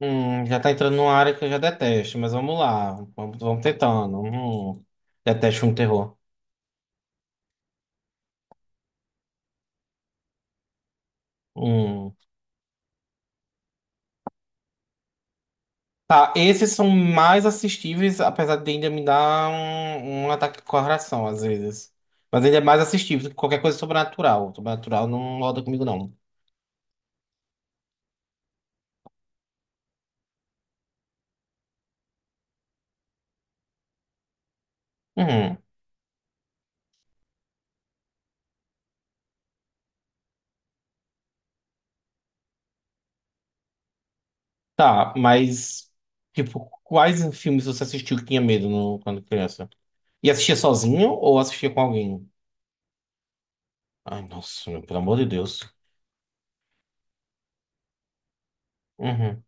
Já tá entrando numa área que eu já detesto, mas vamos lá. Vamos tentando. Detesto um terror. Hum. Tá, esses são mais assistíveis, apesar de ainda me dar um ataque de coração às vezes. Mas ainda é mais assistível do que qualquer coisa sobrenatural. Sobrenatural não roda comigo, não. Hum. Tá, mas, tipo, quais filmes você assistiu que tinha medo quando criança? E assistia sozinho ou assistia com alguém? Ai, nossa, meu, pelo amor de Deus. Uhum.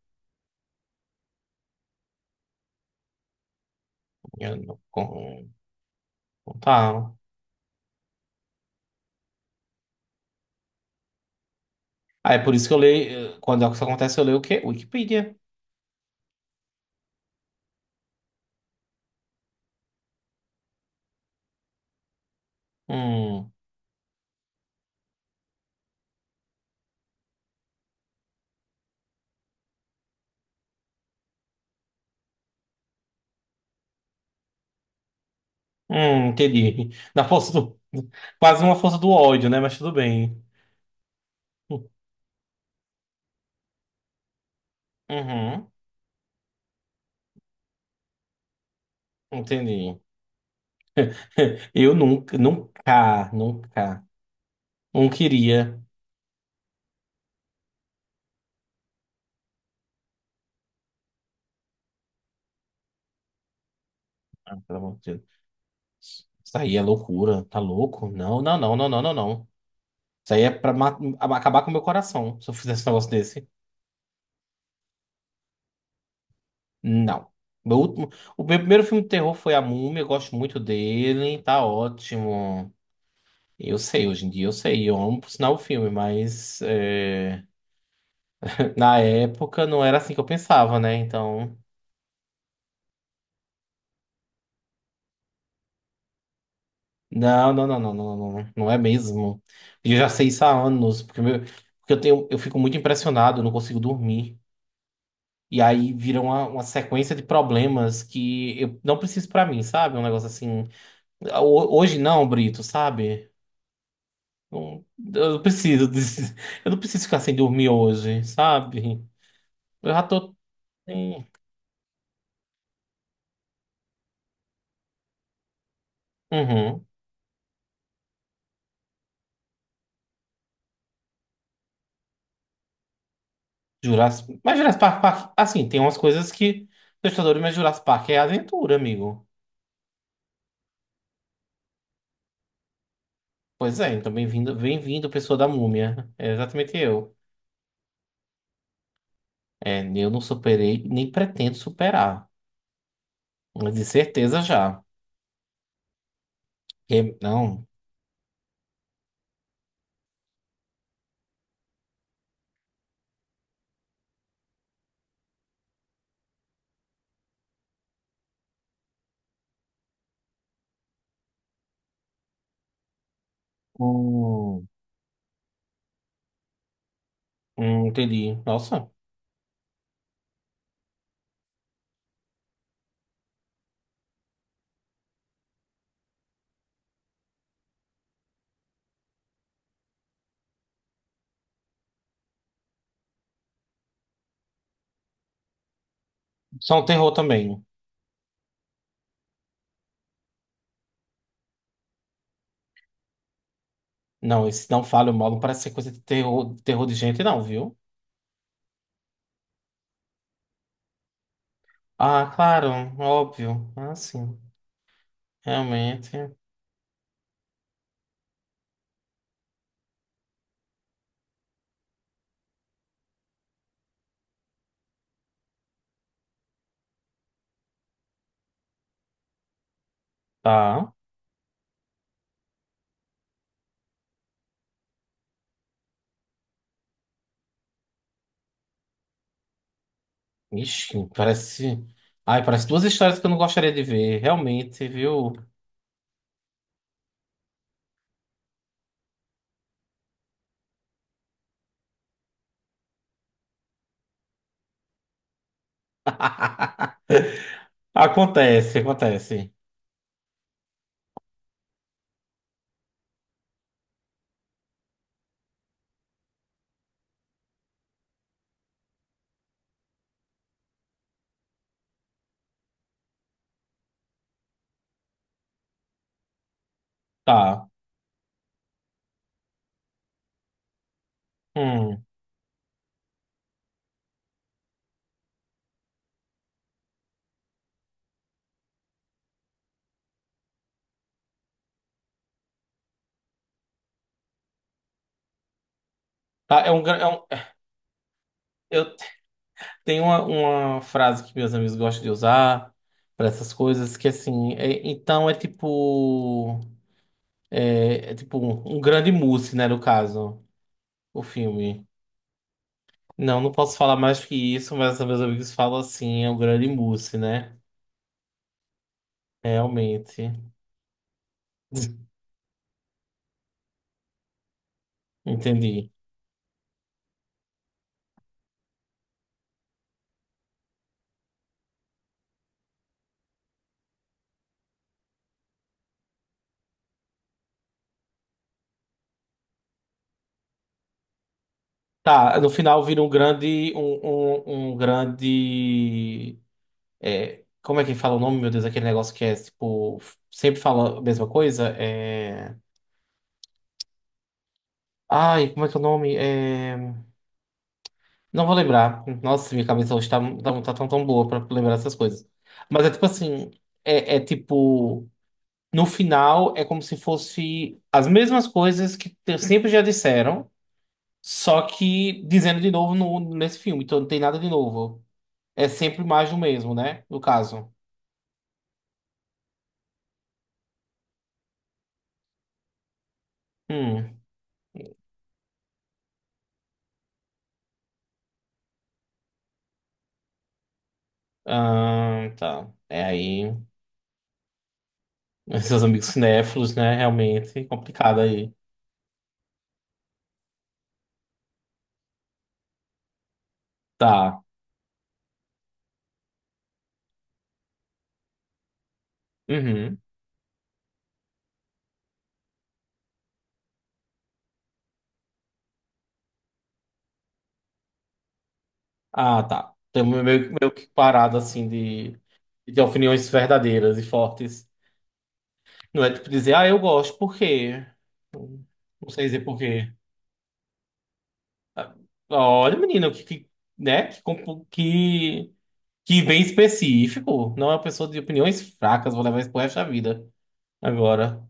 Eu não- Tá. Ah, é por isso que eu leio. Quando isso acontece, eu leio o quê? Wikipedia. Hum, Entendi. Na força do. Quase uma força do ódio, né? Mas tudo bem. Uhum, entendi. Eu nunca, não queria. Ah, pelo amor de Deus. Isso aí é loucura, tá louco? Não, não, não, não, não, não, não. Isso aí é acabar com o meu coração, se eu fizesse um negócio desse. Não. Meu último, o meu primeiro filme de terror foi A Múmia, eu gosto muito dele, tá ótimo. Eu sei, hoje em dia eu sei, eu amo por sinal o filme, mas é, na época não era assim que eu pensava, né? Então, não, não, não, não, não, não, não, não é mesmo. E eu já sei isso há anos, porque eu tenho, eu fico muito impressionado, eu não consigo dormir. E aí vira uma sequência de problemas que eu não preciso pra mim, sabe? Um negócio assim. Hoje não, Brito, sabe? Não- Eu não preciso disso. Eu não preciso ficar sem dormir hoje, sabe? Eu já tô. Sim. Uhum. Mas Jurassic Park, assim, tem umas coisas que... Assustador, mas Jurassic Park é aventura, amigo. Pois é, então bem-vindo, bem-vindo, pessoa da múmia. É exatamente eu. É, eu não superei, nem pretendo superar. Mas de certeza já. Não. Hum, Entendi. Nossa. Só um terror também. Não, esse não falha mal, não parece ser coisa de terror, terror de gente, não, viu? Ah, claro, óbvio. Ah, sim. Realmente. Tá. Ixi, parece. Ai, parece duas histórias que eu não gostaria de ver, realmente, viu? Acontece, acontece. Tá. Hum. Tá, eu tenho uma frase que meus amigos gostam de usar para essas coisas, que assim, então é tipo. É, é tipo um grande mousse, né, no caso, o filme. Não, não posso falar mais que isso, mas meus amigos falam assim, é um grande mousse, né? Realmente. Entendi. Tá, no final vira um grande, um grande, é, como é que fala o nome, meu Deus, aquele negócio que é, tipo, sempre fala a mesma coisa, é... Ai, como é que é o nome? É... Não vou lembrar. Nossa, minha cabeça hoje tá tão, tão boa pra lembrar essas coisas. Mas é tipo assim, é, é tipo, no final é como se fosse as mesmas coisas sempre já disseram, só que dizendo de novo nesse filme, então não tem nada de novo. É sempre mais do mesmo, né? No caso. Hum. Ah, tá. É aí. Seus amigos cinéfilos, né? Realmente complicado aí. Tá. Uhum. Ah, tá. Estamos meio, meio que parado, assim, de opiniões verdadeiras e fortes. Não é tipo dizer, ah, eu gosto, por quê? Não sei dizer por quê. Ah, Olha, menino, né? Que bem específico. Não é uma pessoa de opiniões fracas, vou levar isso pro resto da vida. Agora.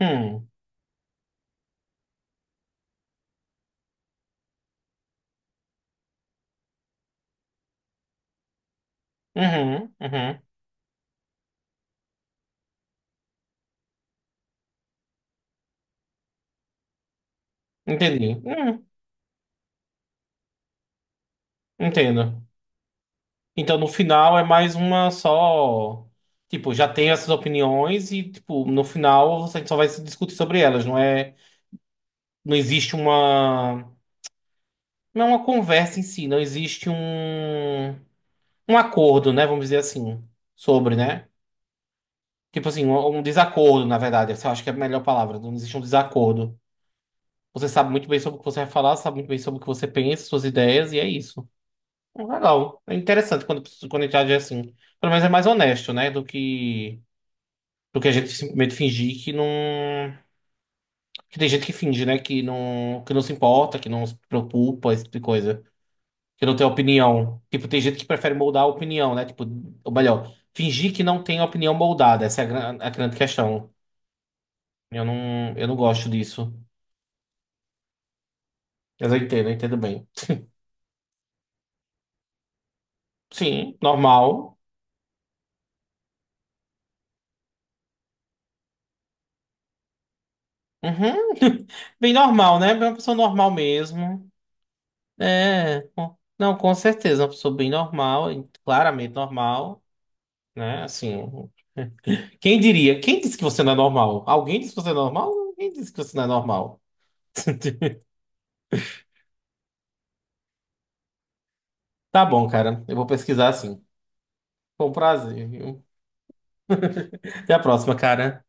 Hum. Uhum, uhum. Entendi. Uhum, entendo. Então, no final, é mais uma só. Tipo, já tem essas opiniões e, tipo, no final você só vai se discutir sobre elas. Não é. Não existe uma. Não é uma conversa em si. Não existe um. Um acordo, né? Vamos dizer assim. Sobre, né? Tipo assim, um desacordo, na verdade. Eu acho que é a melhor palavra. Não existe um desacordo. Você sabe muito bem sobre o que você vai falar, sabe muito bem sobre o que você pensa, suas ideias, e é isso. Legal. É interessante quando a gente age assim. Pelo menos é mais honesto, né? Do que a gente simplesmente fingir que não. Que tem gente que finge, né? Que não se importa, que não se preocupa, esse tipo de coisa. Que não tem opinião. Tipo, tem gente que prefere moldar a opinião, né? Tipo, ou melhor, fingir que não tem opinião moldada. Essa é a grande questão. Eu não gosto disso. Mas eu entendo bem. Sim, normal. Uhum. Bem normal, né? Bem uma pessoa normal mesmo. Não, com certeza, uma pessoa bem normal, e claramente normal, né? Assim, um, quem diria? Quem disse que você não é normal? Alguém disse que você é normal? Quem disse que você não é normal? Tá bom, cara, eu vou pesquisar assim. Foi um prazer, viu? Até a próxima, cara.